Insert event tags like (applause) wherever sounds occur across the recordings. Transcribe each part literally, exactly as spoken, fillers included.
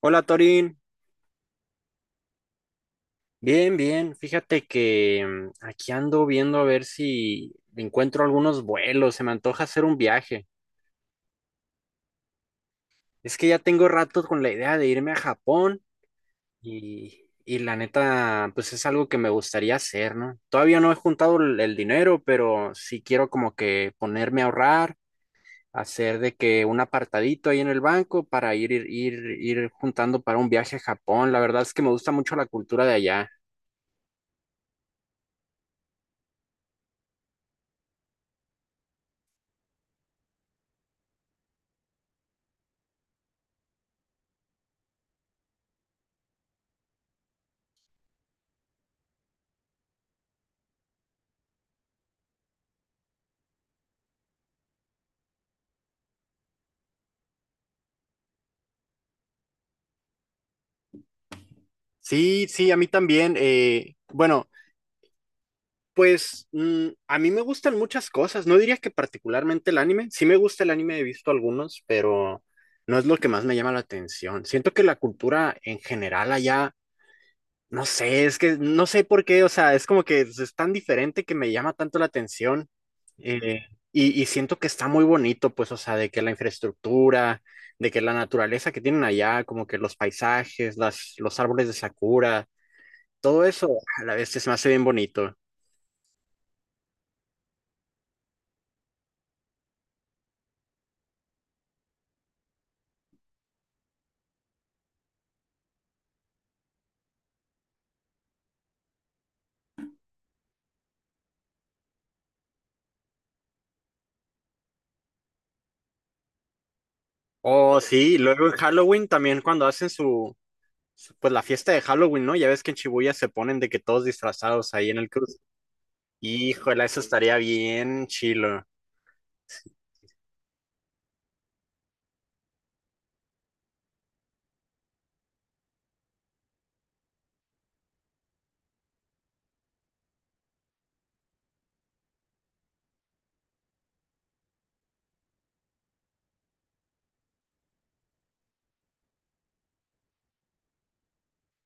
Hola Torín, bien, bien. Fíjate que mm, aquí ando viendo a ver si encuentro algunos vuelos. Se me antoja hacer un viaje. Es que ya tengo rato con la idea de irme a Japón y, y la neta, pues es algo que me gustaría hacer, ¿no? Todavía no he juntado el, el dinero, pero sí quiero como que ponerme a ahorrar, hacer de que un apartadito ahí en el banco para ir, ir, ir, ir juntando para un viaje a Japón. La verdad es que me gusta mucho la cultura de allá. Sí, sí, a mí también. Eh, bueno, pues mm, a mí me gustan muchas cosas. No diría que particularmente el anime. Sí me gusta el anime, he visto algunos, pero no es lo que más me llama la atención. Siento que la cultura en general allá, no sé, es que no sé por qué, o sea, es como que es tan diferente que me llama tanto la atención. eh, y, y siento que está muy bonito, pues, o sea, de que la infraestructura, de que la naturaleza que tienen allá, como que los paisajes, las, los árboles de sakura, todo eso a la vez se me hace bien bonito. Oh, sí, y luego en Halloween también cuando hacen su, su- pues la fiesta de Halloween, ¿no? Ya ves que en Shibuya se ponen de que todos disfrazados ahí en el cruce. Híjole, eso estaría bien chilo.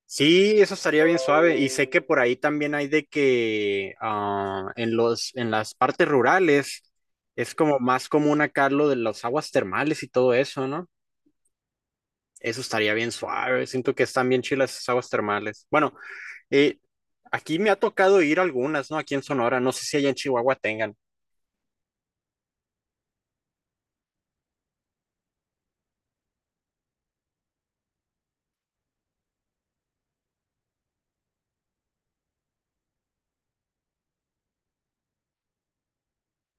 Sí, eso estaría bien suave. Y sé que por ahí también hay de que ah, en los, en las partes rurales es como más común acá lo de las aguas termales y todo eso, ¿no? Eso estaría bien suave. Siento que están bien chilas esas aguas termales. Bueno, Eh, aquí me ha tocado ir a algunas, ¿no? Aquí en Sonora, no sé si allá en Chihuahua tengan.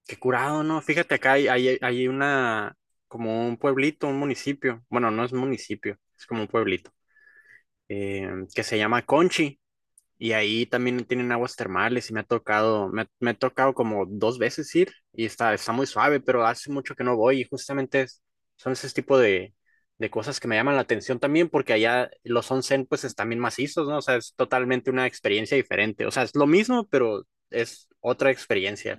Qué curado, ¿no? Fíjate acá hay, hay, hay una, como un pueblito, un municipio. Bueno, no es municipio, es como un pueblito, eh, que se llama Conchi. Y ahí también tienen aguas termales y me ha tocado, me, me ha tocado como dos veces ir y está, está muy suave, pero hace mucho que no voy y justamente es- son ese tipo de, de cosas que me llaman la atención también porque allá los onsen pues están bien macizos, ¿no? O sea, es totalmente una experiencia diferente. O sea, es lo mismo, pero es otra experiencia.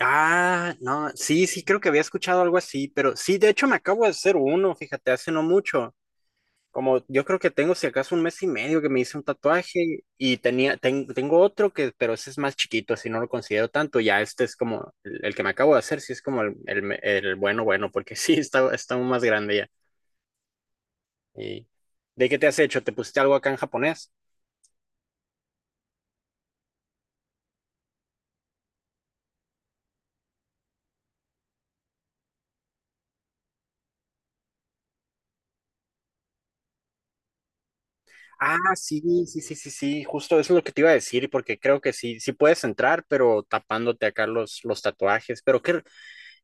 Ah, no, sí, sí, creo que había escuchado algo así, pero sí, de hecho me acabo de hacer uno, fíjate, hace no mucho. Como yo creo que tengo si acaso un mes y medio que me hice un tatuaje y tenía, ten- tengo otro que, pero ese es más chiquito, así no lo considero tanto. Ya este es como el, el que me acabo de hacer, sí es como el, el, me- el bueno, bueno, porque (laughs) sí, está, está aún más grande ya. Y ¿de qué te has hecho? ¿Te pusiste algo acá en japonés? Ah, sí, sí, sí, sí, sí, justo eso es lo que te iba a decir, porque creo que sí, sí puedes entrar, pero tapándote acá los, los tatuajes. Pero ¿qué,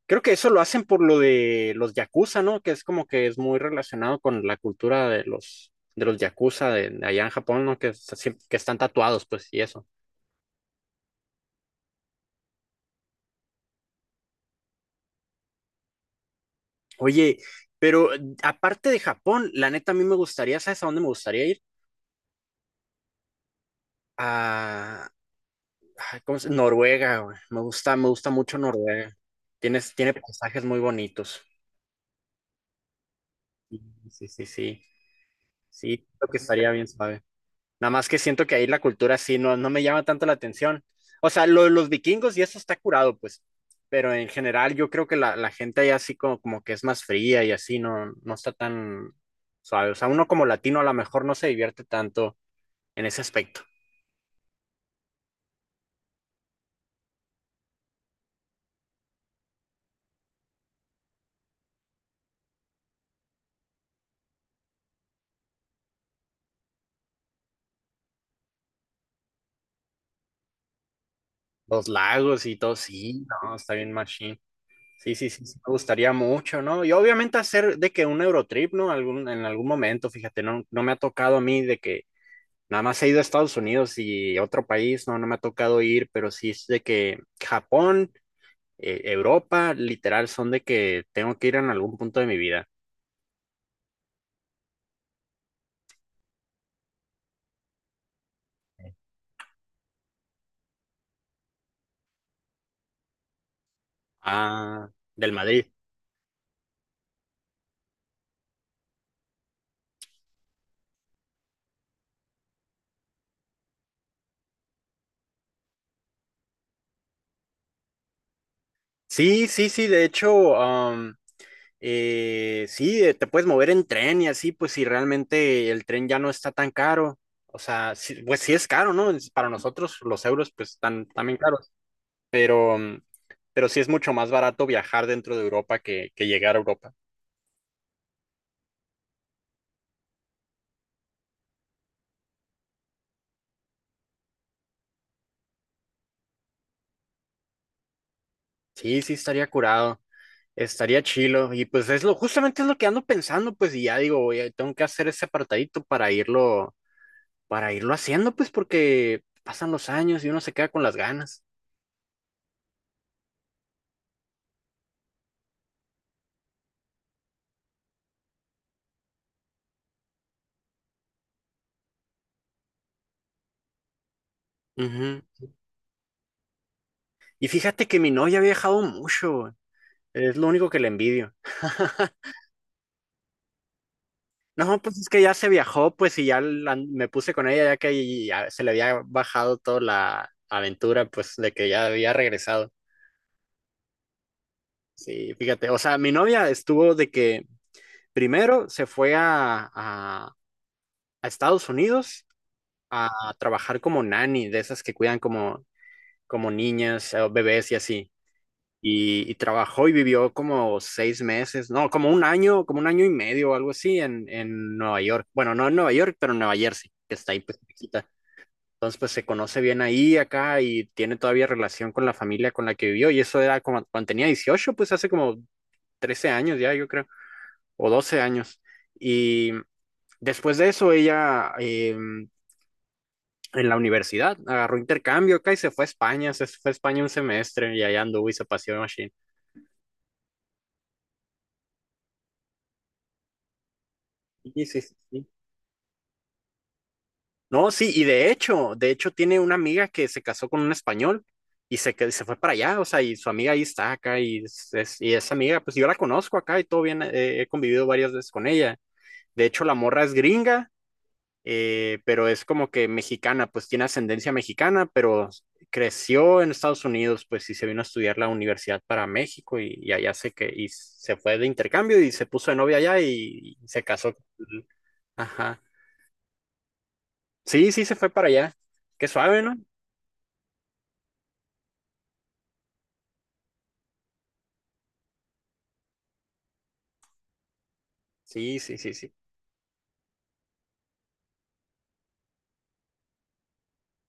creo que eso lo hacen por lo de los yakuza, ¿no? Que es como que es muy relacionado con la cultura de los, de los yakuza de, de allá en Japón, ¿no? Que, es así- que están tatuados, pues, y eso. Oye, pero aparte de Japón, la neta a mí me gustaría, ¿sabes a dónde me gustaría ir? A, ay, ¿cómo se- Noruega, güey. Me gusta, me gusta mucho Noruega. Tienes, tiene paisajes muy bonitos. Sí, sí, sí, sí. Sí, creo que estaría bien, suave. Nada más que siento que ahí la cultura sí no, no me llama tanto la atención. O sea, lo de los vikingos y eso está curado, pues. Pero en general yo creo que la, la gente ahí así como, como que es más fría y así no, no está tan suave. O sea, uno como latino a lo mejor no se divierte tanto en ese aspecto. Los lagos y todo, sí, no, está bien machine. Sí, sí, sí, sí, me gustaría mucho, ¿no? Y obviamente hacer de que un Eurotrip, ¿no? Algún, en algún momento, fíjate, no, no me ha tocado a mí de que nada más he ido a Estados Unidos y otro país, no, no me ha tocado ir, pero sí es de que Japón, eh, Europa, literal, son de que tengo que ir en algún punto de mi vida. Ah, del Madrid. Sí, sí, sí, de hecho, am, eh, sí, eh, te puedes mover en tren y así, pues si realmente el tren ya no está tan caro. O sea, sí, pues sí es caro, ¿no? Es- Para nosotros los euros pues están también caros, pero, mm, pero sí es mucho más barato viajar dentro de Europa que, que llegar a Europa. Sí, sí, estaría curado, estaría chilo. Y pues es lo, justamente es lo que ando pensando, pues, y ya digo, oye, tengo que hacer ese apartadito para irlo, para irlo haciendo, pues, porque pasan los años y uno se queda con las ganas. Ujú. Y fíjate que mi novia ha viajado mucho, güey. Es lo único que le envidio. (laughs) No, pues es que ya se viajó, pues, y ya la- me puse con ella, ya que ahí ya se le había bajado toda la aventura, pues, de que ya había regresado. Sí, fíjate, o sea, mi novia estuvo de que primero se fue a, a- a Estados Unidos a trabajar como nanny, de esas que cuidan como, como niñas, eh, bebés y así. Y, y trabajó y vivió como seis meses, no, como un año, como un año y medio o algo así en, en Nueva York. Bueno, no en Nueva York, pero en Nueva Jersey, que está ahí pues cerquita. Entonces pues se conoce bien ahí, acá, y tiene todavía relación con la familia con la que vivió. Y eso era como cuando tenía dieciocho, pues hace como trece años ya, yo creo, o doce años. Y después de eso, ella eh, en la universidad agarró intercambio acá y se fue a España, se fue a España un semestre y allá anduvo y se paseó en Machine. Sí, sí, sí, sí. No, sí, y de hecho, de hecho tiene una amiga que se casó con un español y se, que- se fue para allá, o sea, y su amiga ahí está acá y, es- es- y esa amiga, pues yo la conozco acá y todo bien, eh, he convivido varias veces con ella. De hecho, la morra es gringa, eh, pero es como que mexicana, pues tiene ascendencia mexicana, pero creció en Estados Unidos, pues sí se vino a estudiar la universidad para México y, y allá se que y se fue de intercambio y se puso de novia allá y, y se casó. Ajá. Sí, sí, se fue para allá. Qué suave, ¿no? Sí, sí, sí, sí.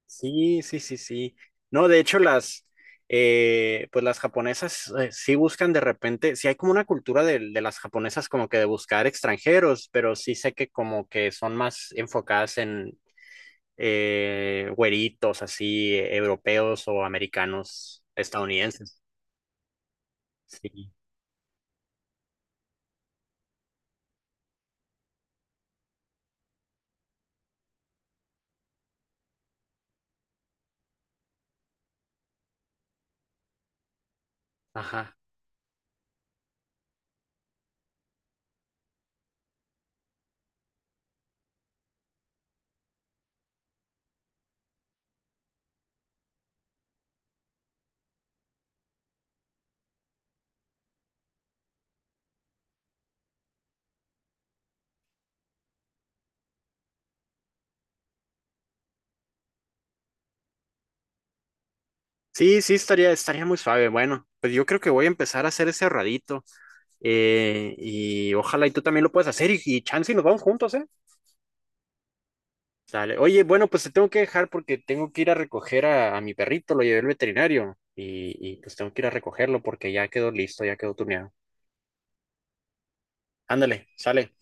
Sí, sí, sí, sí. No, de hecho, las, eh, pues las japonesas eh, sí buscan de repente, sí hay como una cultura de, de las japonesas como que de buscar extranjeros, pero sí sé que como que son más enfocadas en eh, güeritos así, eh, europeos o americanos, estadounidenses. Sí, ajá. Sí, sí, estaría, estaría muy suave. Bueno, pues yo creo que voy a empezar a hacer ese ahorradito, eh, y ojalá y tú también lo puedas hacer y, y chance y nos vamos juntos, ¿eh? Sale. Oye, bueno, pues te tengo que dejar porque tengo que ir a recoger a, a mi perrito, lo llevé al veterinario y, y pues tengo que ir a recogerlo porque ya quedó listo, ya quedó tuneado. Ándale, sale.